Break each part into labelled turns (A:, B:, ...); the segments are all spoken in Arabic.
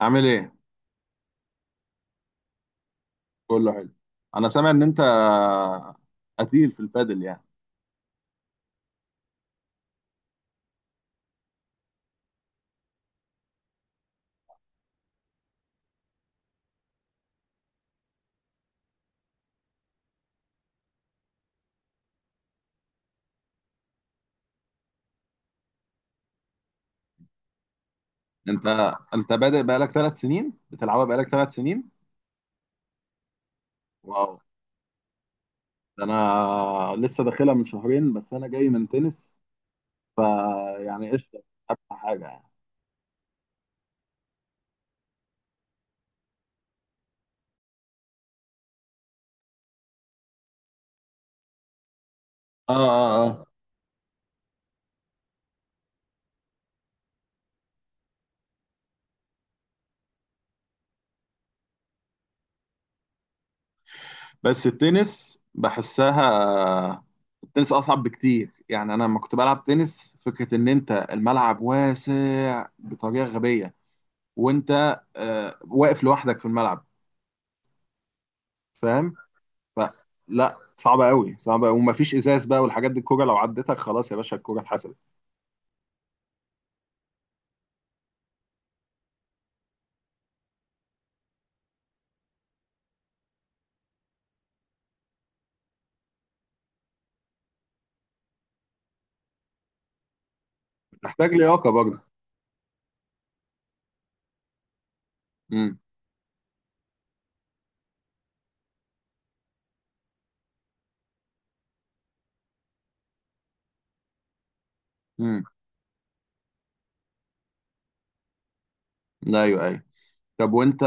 A: عامل ايه؟ كله حلو. انا سامع ان انت قتيل في البادل يعني. انت انت بادئ بقالك 3 سنين بتلعبها بقالك 3 سنين. واو، ده انا لسه داخلها من شهرين بس، انا جاي من تنس. فيعني قشطه ابقى حاجه يعني. اه، اه، اه. بس التنس بحسها، التنس اصعب بكتير يعني. انا لما كنت بلعب تنس فكره ان انت الملعب واسع بطريقه غبيه، وانت واقف لوحدك في الملعب، فاهم؟ ف... لا، صعبة قوي، صعبة قوي ومفيش ازاز بقى والحاجات دي، الكوره لو عدتك خلاص يا باشا الكوره اتحسبت. محتاج لياقه برضه. امم، امم، ايوه، ايوه. طب وانت،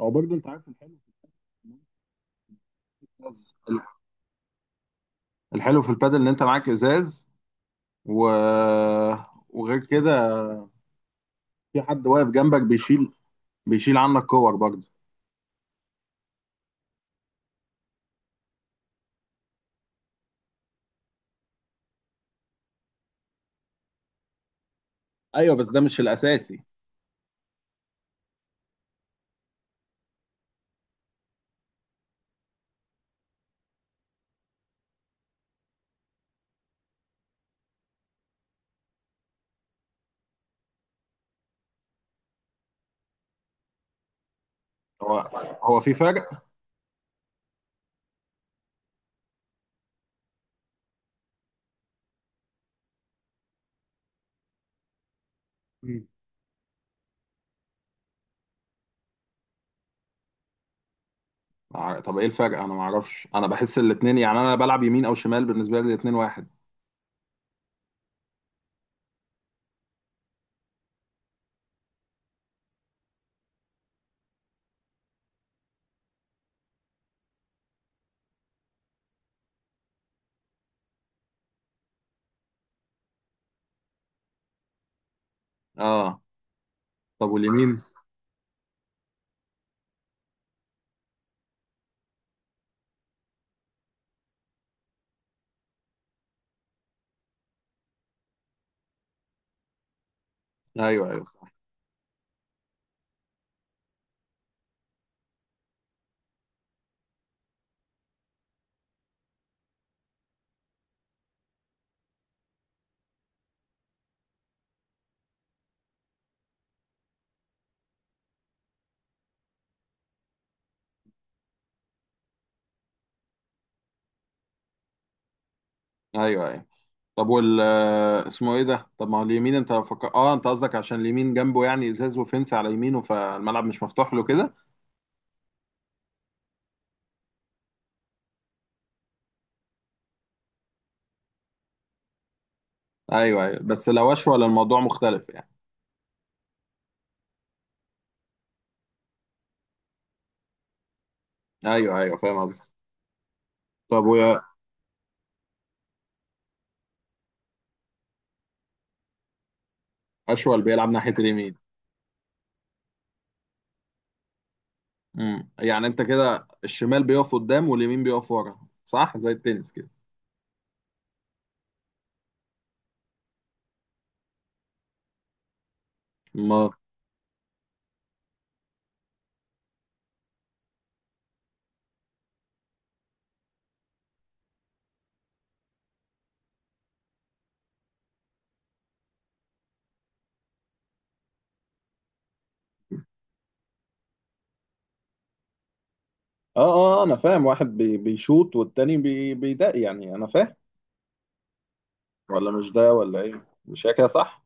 A: او برضه انت عارف الحلو في الازاز، الحلو في البادل ان انت معاك ازاز و... وغير كده في حد واقف جنبك بيشيل عنك كور برضه. ايوه، بس ده مش الاساسي. هو هو في فرق. مم. طب ايه الفرق؟ انا ما اعرفش، انا بحس الاتنين يعني. انا بلعب يمين او شمال بالنسبه لي الاتنين واحد. اه. طب واليمين؟ ايوه، ايوه، ايوه، ايوه. طب وال آه، اسمه ايه ده؟ طب ما هو اليمين، انت اه، انت قصدك عشان اليمين جنبه يعني ازاز وفنس على يمينه فالملعب مش مفتوح له كده. ايوه، ايوه، بس لو اشول الموضوع مختلف يعني. ايوه، ايوه، فاهم قصدك. طب واشول بيلعب ناحيه اليمين. يعني انت كده الشمال بيقف قدام واليمين بيقف ورا، صح؟ زي التنس كده. ما، اه، اه، انا فاهم. واحد بيشوط والتاني بيدق، يعني انا فاهم. ولا مش ده ولا ايه؟ مش هي كده صح؟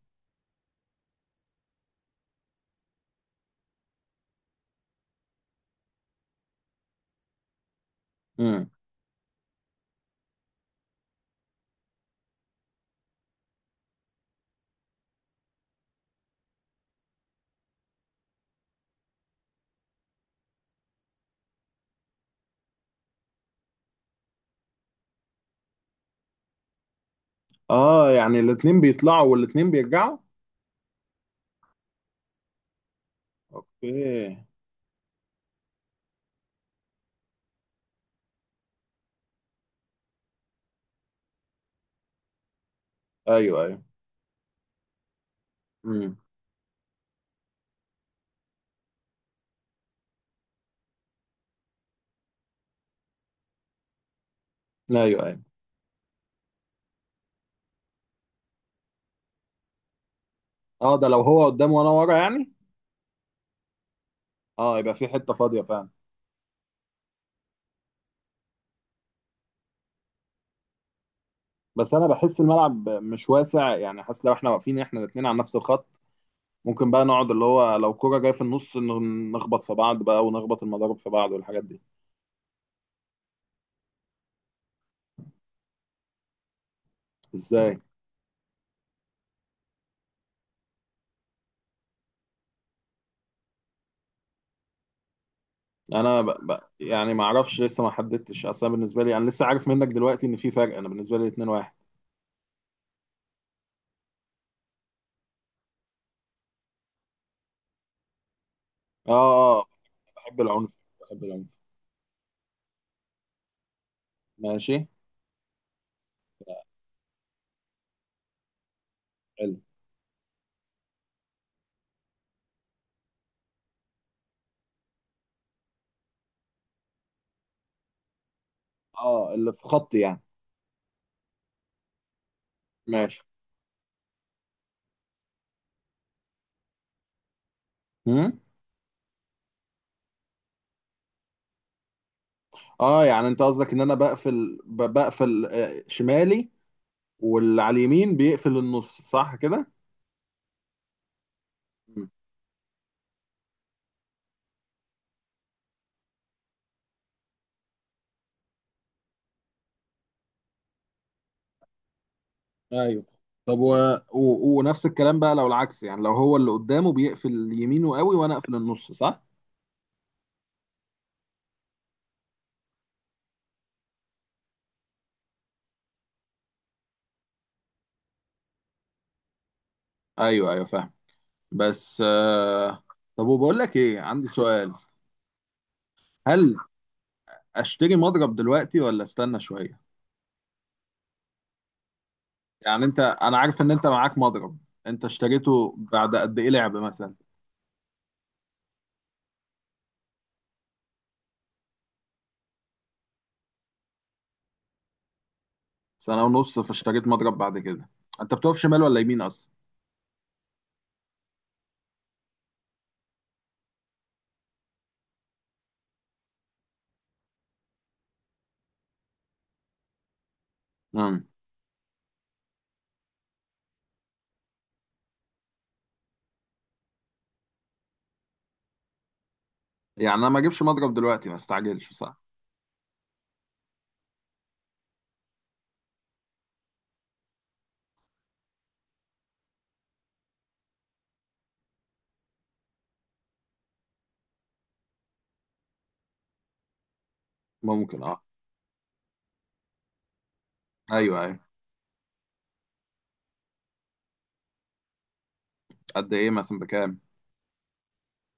A: اه، يعني الاتنين بيطلعوا والاتنين بيرجعوا. اوكي. ايوه، ايوه. امم، ايوه، ايوه. اه، ده لو هو قدام وانا ورا يعني. اه، يبقى في حته فاضيه فعلا. بس انا بحس الملعب مش واسع يعني، حاسس لو احنا واقفين احنا الاتنين على نفس الخط ممكن بقى نقعد اللي هو لو كرة جايه في النص نخبط في بعض بقى ونخبط المضارب في بعض والحاجات دي. ازاي؟ انا يعني ما اعرفش، لسه ما حددتش اصلا بالنسبه لي. انا لسه عارف منك دلوقتي ان في فرق. انا بالنسبه لي 2 1. اه، اه، آه. بحب العنف، بحب العنف. ماشي. حلو. اه، اللي في خطي يعني. ماشي. امم، اه، يعني انت قصدك ان انا بقفل بقفل شمالي واللي على اليمين بيقفل النص، صح كده؟ مم. ايوه. طب ونفس الكلام بقى لو العكس يعني. لو هو اللي قدامه بيقفل يمينه قوي وانا اقفل النص، صح؟ ايوه، ايوه، فاهم. بس طب وبقول لك ايه، عندي سؤال. هل اشتري مضرب دلوقتي ولا استنى شوية؟ يعني انت، انا عارف ان انت معاك مضرب، انت اشتريته بعد قد ايه لعب مثلا؟ سنة ونص فاشتريت مضرب بعد كده. انت بتقف شمال ولا يمين اصلا؟ امم. يعني انا ما اجيبش مضرب دلوقتي، ما استعجلش، صح؟ ممكن اه. ايوه، ايوه. قد ايه مثلا؟ بكام؟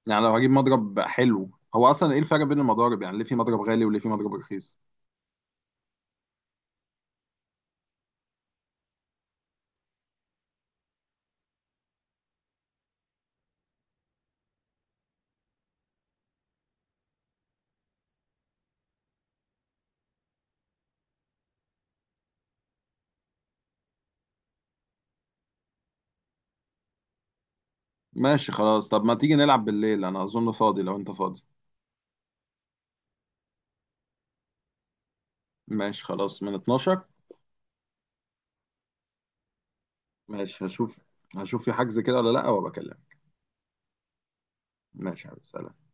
A: يعني لو هجيب مضرب حلو، هو اصلا ايه الفرق بين المضارب يعني؟ ليه في مضرب غالي وليه في مضرب رخيص؟ ماشي خلاص. طب ما تيجي نلعب بالليل؟ انا اظن فاضي لو انت فاضي. ماشي خلاص، من 12. ماشي، هشوف. هشوف في حجز كده ولا لا وبكلمك. ماشي يا حبيبي، سلام.